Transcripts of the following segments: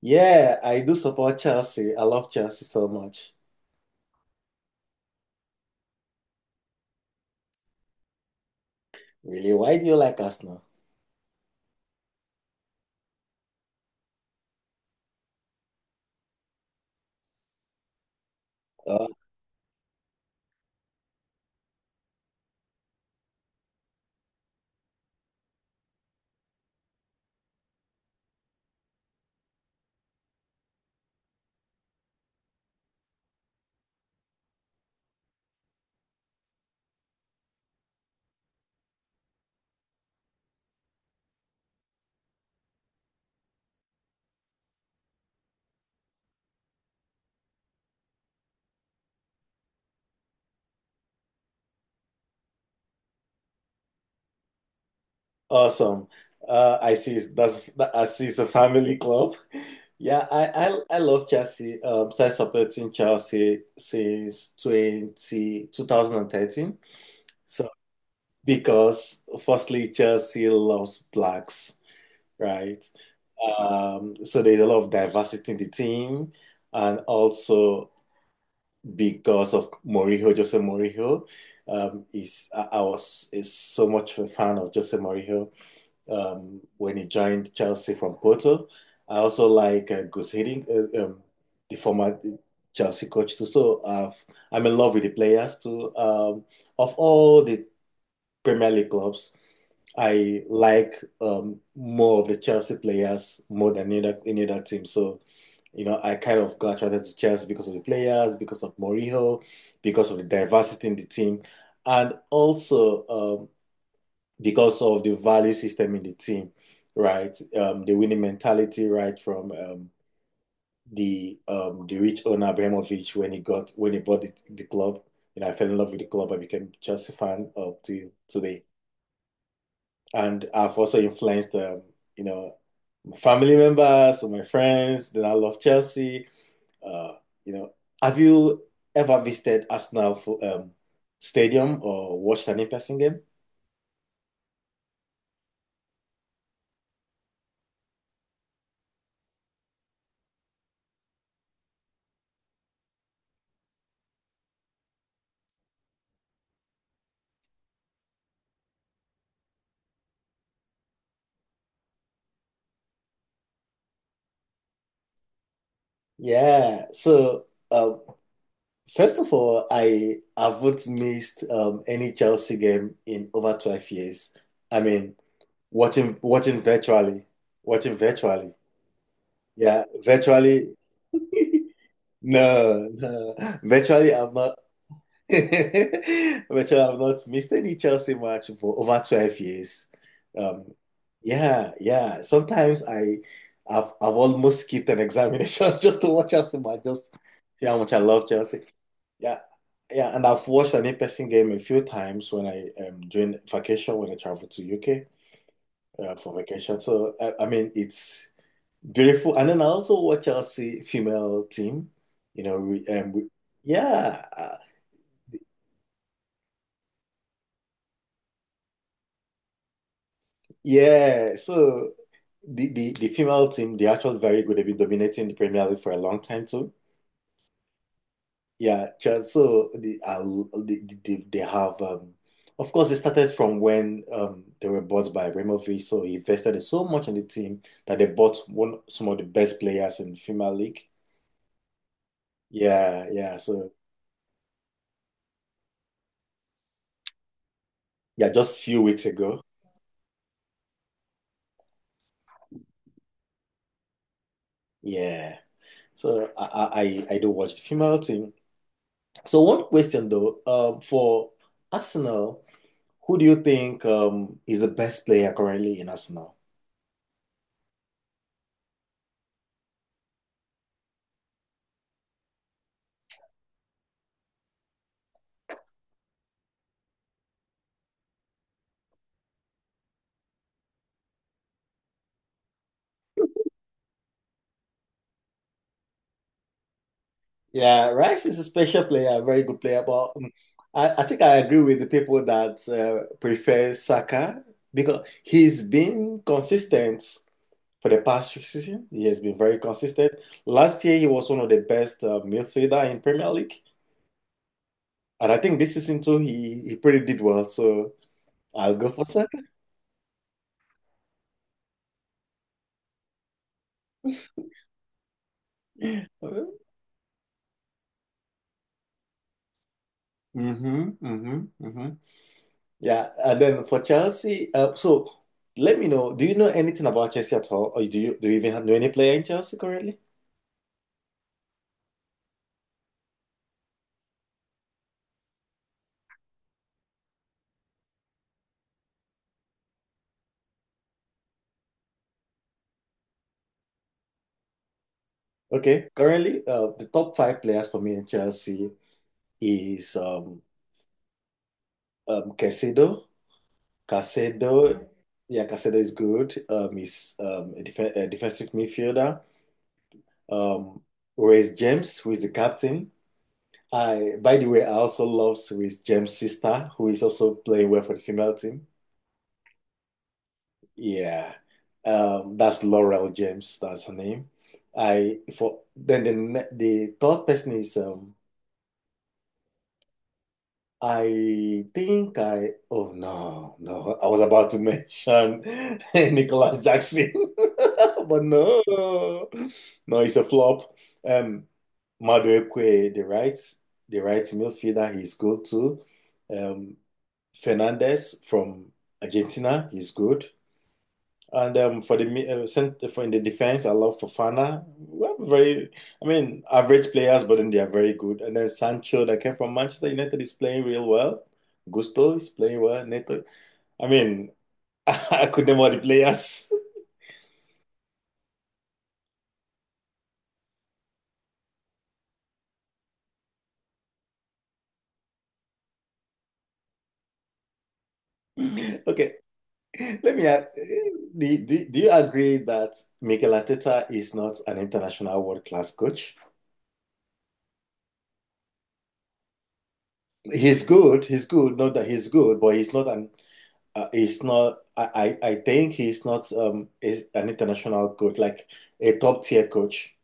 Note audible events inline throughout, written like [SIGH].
Yeah, I do support Chelsea. I love Chelsea so much. Really, why do you like Arsenal? Uh, Awesome. I see. I see. It's a family club. [LAUGHS] Yeah, I love Chelsea. Started supporting Chelsea since 20 2013. So because firstly, Chelsea loves blacks, right? So there's a lot of diversity in the team, and also because of Mourinho, Jose Mourinho. Is I was is so much of a fan of Jose Mourinho when he joined Chelsea from Porto. I also like Gus Hiddink, the former Chelsea coach too. So I'm in love with the players too. Of all the Premier League clubs, I like more of the Chelsea players more than any other team. So I kind of got attracted to Chelsea because of the players, because of Mourinho, because of the diversity in the team, and also because of the value system in the team, right? The winning mentality, right, from the rich owner Abramovich when he got when he bought the club. You know, I fell in love with the club. I became a Chelsea fan up to today, and I've also influenced you know my family members or my friends. Then I love Chelsea. Uh, you know, have you ever visited Arsenal for, stadium or watched an in-person game? Yeah. Um, First of all, I haven't missed any Chelsea game in over 12 years. I mean, watching virtually, watching virtually. Yeah, virtually. [LAUGHS] No, no. Virtually, I've not. [LAUGHS] Virtually, I've not missed any Chelsea match for over 12 years. Um, yeah, yeah. Sometimes I've almost skipped an examination [LAUGHS] just to watch Chelsea match. Just see how much I love Chelsea. Yeah, yeah. And I've watched an in-person game a few times when I during vacation when I travel to UK for vacation. So I mean, it's beautiful. And then I also watch Chelsea female team, you know, we, um, we, yeah, uh, yeah. So the female team, they're actually very good. They've been dominating the Premier League for a long time too. Yeah, Chelsea, so they have, of course, they started from when they were bought by Abramovich. So he invested so much in the team that they bought one some of the best players in the female league. Yeah, yeah. So yeah, just a few weeks ago. Yeah. So I don't watch the female team. So one question though, for Arsenal, who do you think is the best player currently in Arsenal? Yeah, Rice is a special player, a very good player, but I think I agree with the people that prefer Saka because he's been consistent for the past season. He has been very consistent. Last year, he was one of the best midfielder in Premier League, and I think this season too, he pretty did well. So I'll go for Saka. Mm-hmm, mm-hmm, mm-hmm. Yeah, and then for Chelsea, so let me know. Do you know anything about Chelsea at all, or do you even know any player in Chelsea currently? Okay, currently, the top five players for me in Chelsea is Caicedo. Caicedo, yeah, Caicedo is good. He's a defensive midfielder. Um, Reece James, who is the captain. By the way, I also love Reece James' sister, who is also playing well for the female team. Yeah, that's Laurel James. That's her name. I for Then the third person is I think I oh, no, no, I was about to mention [LAUGHS] Nicholas Jackson, [LAUGHS] but no, no, it's a flop. Um, Madueke, the right midfielder, he's good too. Um, Fernandez from Argentina, he's good. And for in the defense, I love Fofana. We have very, I mean, average players, but then they are very good. And then Sancho that came from Manchester United is playing real well. Gusto is playing well. Neto, I mean, [LAUGHS] I could name all the players. [LAUGHS] Okay, let me ask, do you agree that Mikel Arteta is not an international world-class coach? He's good, not that he's good, but he's not. I think he's not is an international coach like a top tier coach.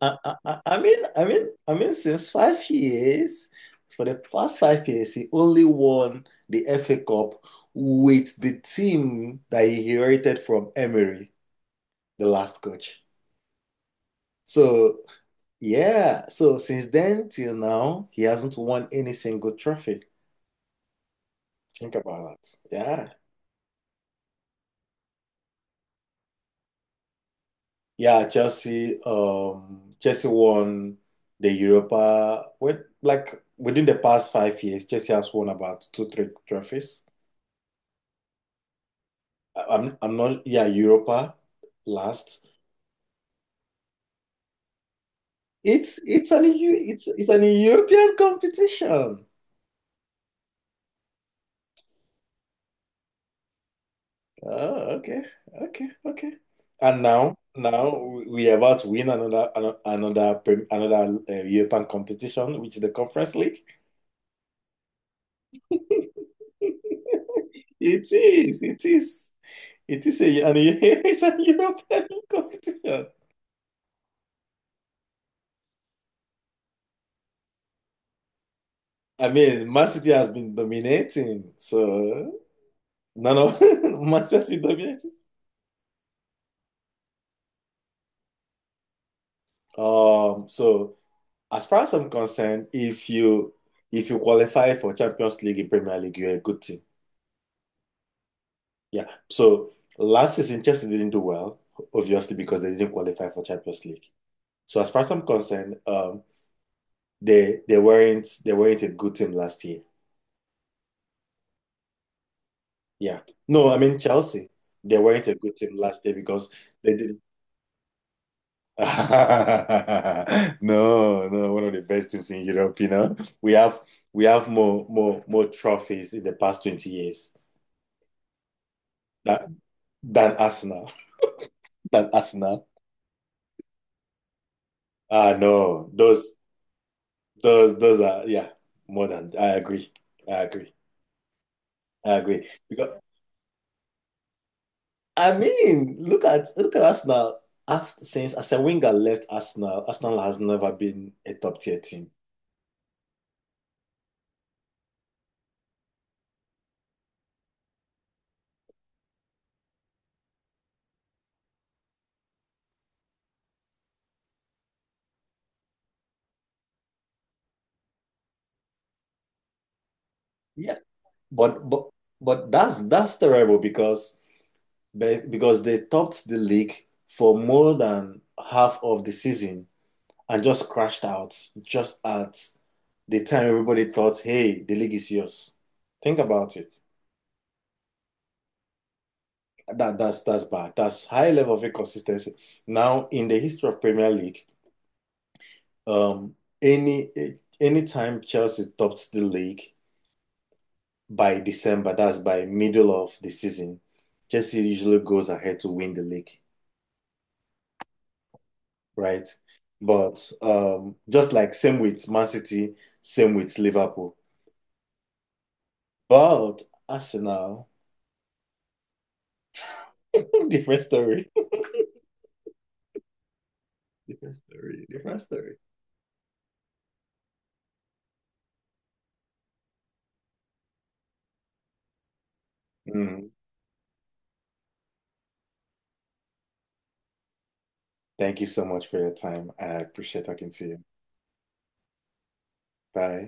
I mean since 5 years, for the past 5 years, he only won the FA Cup with the team that he inherited from Emery, the last coach. So yeah, so since then till now, he hasn't won any single trophy. Think about that. Yeah. Yeah, Chelsea. Chelsea won the Europa. Like within the past 5 years, Chelsea has won about two, three trophies. I'm not. Yeah, Europa last. It's an EU, it's an European competition. Oh, okay, okay, okay. And now we are about to win another another another, prem- another European competition, which is the Conference League. [LAUGHS] It is, it is. It is a, and It's [LAUGHS] a European competition. I mean, Man City has been dominating, so no, no, [LAUGHS] Man City has been dominating. So as far as I'm concerned, if you qualify for Champions League in Premier League, you're a good team. Yeah. So last season, Chelsea didn't do well, obviously because they didn't qualify for Champions League. So as far as I'm concerned, they weren't a good team last year. Yeah. No, I mean Chelsea. They weren't a good team last year because they didn't. [LAUGHS] No, no, one of the best teams in Europe. We have we have more trophies in the past 20 years that, than Arsenal. [LAUGHS] Than Arsenal. Ah no, those are yeah, more than I agree. I agree. I agree. Because I mean, look at Arsenal. After since Arsene Wenger left Arsenal, Arsenal has never been a top tier team. Yeah, But but but that's terrible because they topped the league for more than half of the season and just crashed out just at the time everybody thought, hey, the league is yours. Think about it. That's bad. That's high level of inconsistency. Now, in the history of Premier League, um, any any time Chelsea tops the league by December, that's by middle of the season, Chelsea usually goes ahead to win the league. Right? But just like same with Man City, same with Liverpool. But Arsenal, [LAUGHS] different story. Different story. Different story. Mm. Thank you so much for your time. I appreciate talking to you. Bye.